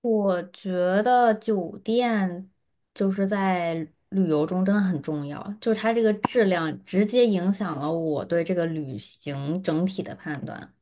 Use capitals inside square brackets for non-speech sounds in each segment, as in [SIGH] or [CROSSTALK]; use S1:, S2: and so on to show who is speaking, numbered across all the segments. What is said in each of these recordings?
S1: 我觉得酒店就是在旅游中真的很重要，就是它这个质量直接影响了我对这个旅行整体的判断。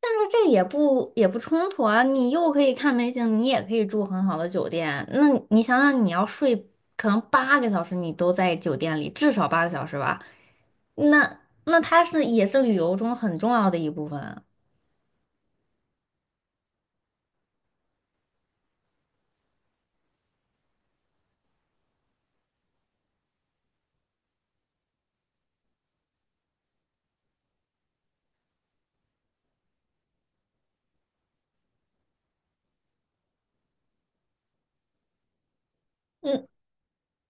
S1: 但是这也不冲突啊，你又可以看美景，你也可以住很好的酒店。那你想想，你要睡可能八个小时，你都在酒店里，至少八个小时吧？那它也是旅游中很重要的一部分。嗯。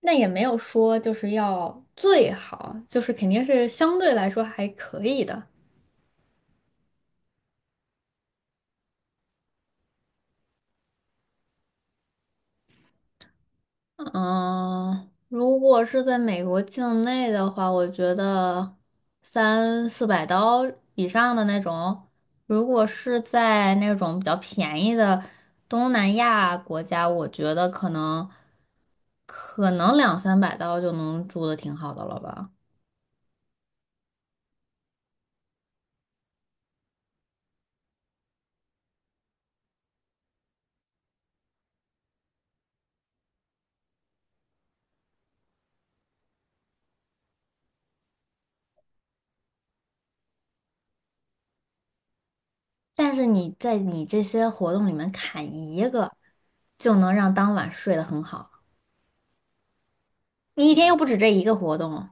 S1: 那也没有说就是要最好，就是肯定是相对来说还可以的。嗯，如果是在美国境内的话，我觉得三四百刀以上的那种，如果是在那种比较便宜的东南亚国家，我觉得可能两三百刀就能住的挺好的了吧。但是你在你这些活动里面砍一个，就能让当晚睡得很好。你一天又不止这一个活动，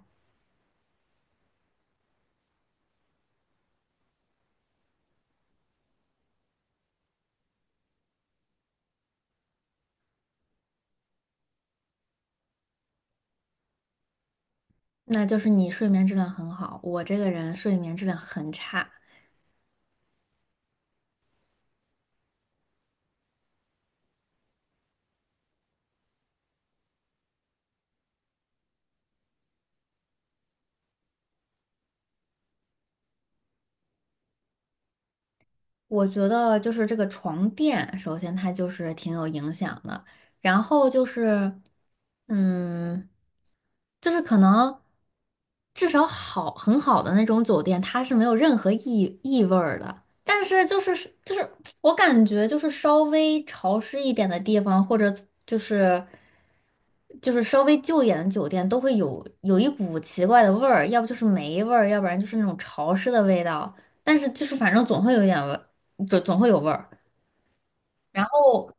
S1: 那就是你睡眠质量很好。我这个人睡眠质量很差，我觉得就是这个床垫，首先它就是挺有影响的，然后就是，嗯。就是可能至少很好的那种酒店，它是没有任何异味儿的。但是就是我感觉就是稍微潮湿一点的地方，或者就是就是稍微旧一点的酒店，都会有一股奇怪的味儿，要不就是霉味儿，要不然就是那种潮湿的味道。但是就是反正总会有一点味，就总会有味儿。然后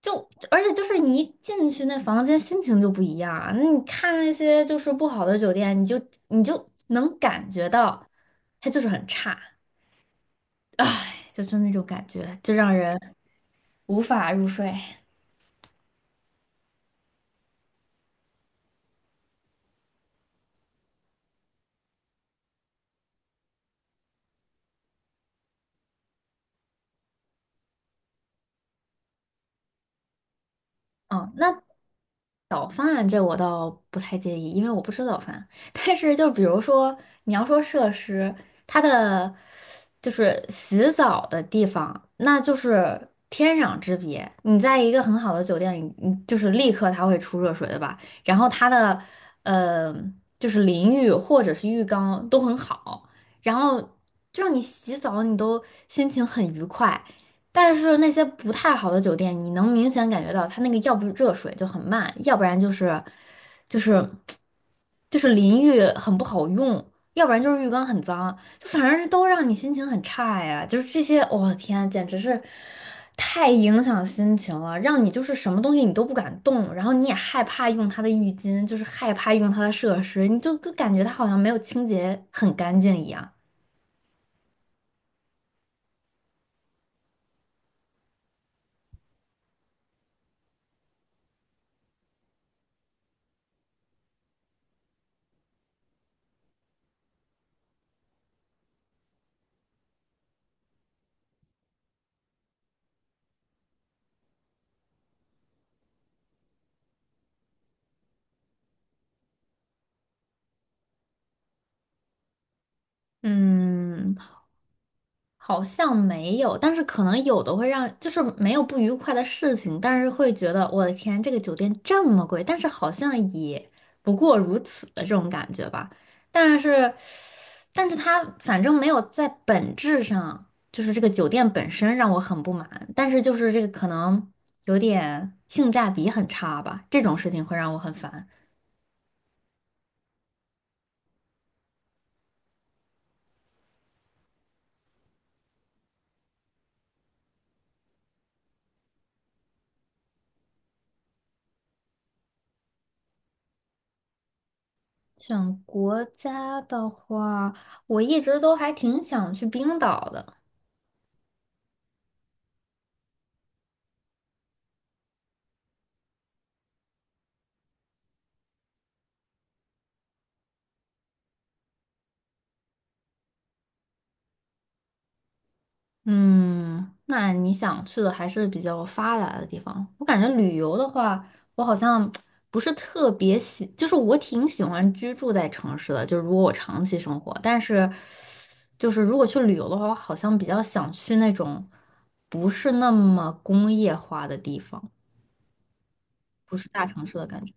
S1: 就，而且就是你一进去那房间，心情就不一样啊。那你看那些就是不好的酒店，你就能感觉到它就是很差，唉，就是那种感觉，就让人无法入睡。嗯，那早饭这我倒不太介意，因为我不吃早饭。[LAUGHS] 但是就比如说你要说设施，它的就是洗澡的地方，那就是天壤之别。你在一个很好的酒店里，你就是立刻它会出热水的吧？然后它的呃就是淋浴或者是浴缸都很好，然后就让你洗澡，你都心情很愉快。但是那些不太好的酒店，你能明显感觉到它那个要不是热水就很慢，要不然就是就是淋浴很不好用，要不然就是浴缸很脏，就反正是都让你心情很差呀。就是这些，我的天，简直是太影响心情了，让你就是什么东西你都不敢动，然后你也害怕用它的浴巾，就是害怕用它的设施，你就感觉它好像没有清洁很干净一样。嗯，好像没有，但是可能有的会让，就是没有不愉快的事情，但是会觉得我的天，这个酒店这么贵，但是好像也不过如此的这种感觉吧。但是，但是，它反正没有在本质上，就是这个酒店本身让我很不满，但是就是这个可能有点性价比很差吧，这种事情会让我很烦。选国家的话，我一直都还挺想去冰岛的。嗯，那你想去的还是比较发达的地方。我感觉旅游的话，我好像 [TSK] 不是特别喜，就是我挺喜欢居住在城市的，就是如果我长期生活，但是就是如果去旅游的话，我好像比较想去那种不是那么工业化的地方，不是大城市的感觉。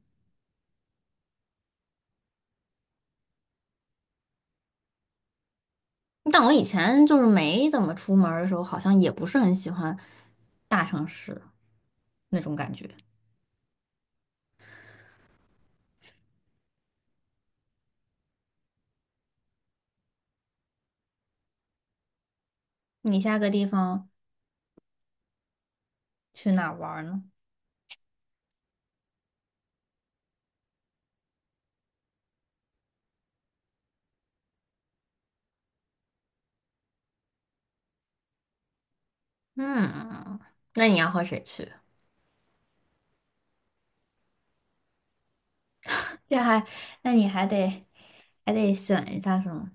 S1: 但我以前就是没怎么出门儿的时候，好像也不是很喜欢大城市那种感觉。你下个地方去哪儿玩儿呢？嗯，那你要和谁去？这还，那你还得选一下是吗？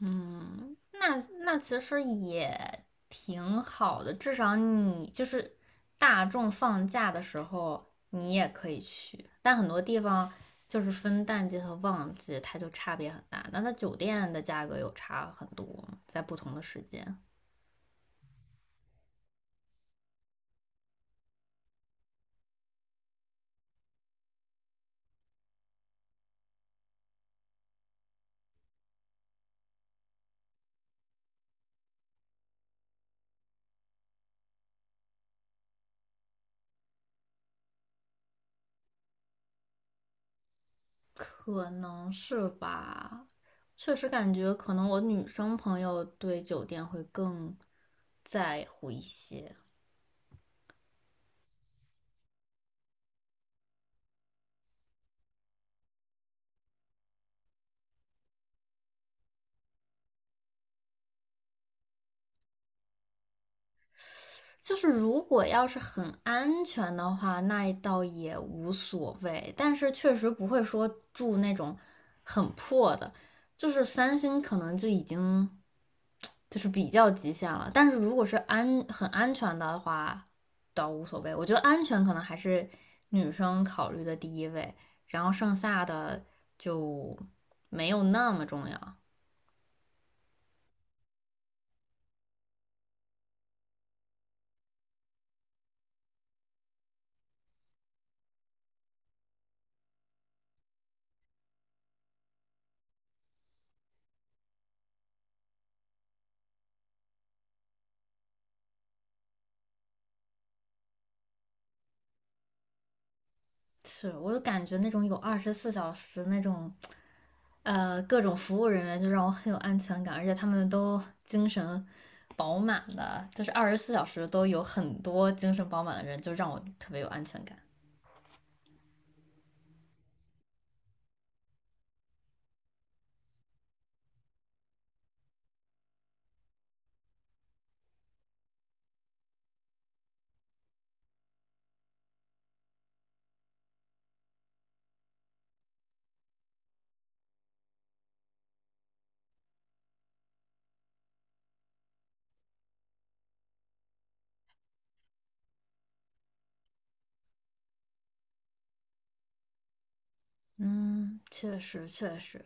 S1: 嗯，那其实也挺好的，至少你就是大众放假的时候，你也可以去。但很多地方就是分淡季和旺季，它就差别很大。那它酒店的价格有差很多，在不同的时间。可能是吧，确实感觉可能我女生朋友对酒店会更在乎一些。就是如果要是很安全的话，那倒也无所谓。但是确实不会说住那种很破的，就是三星可能就已经就是比较极限了。但是如果是很安全的话，倒无所谓。我觉得安全可能还是女生考虑的第一位，然后剩下的就没有那么重要。是我就感觉那种有二十四小时那种，各种服务人员就让我很有安全感，而且他们都精神饱满的，就是二十四小时都有很多精神饱满的人，就让我特别有安全感。嗯，确实确实。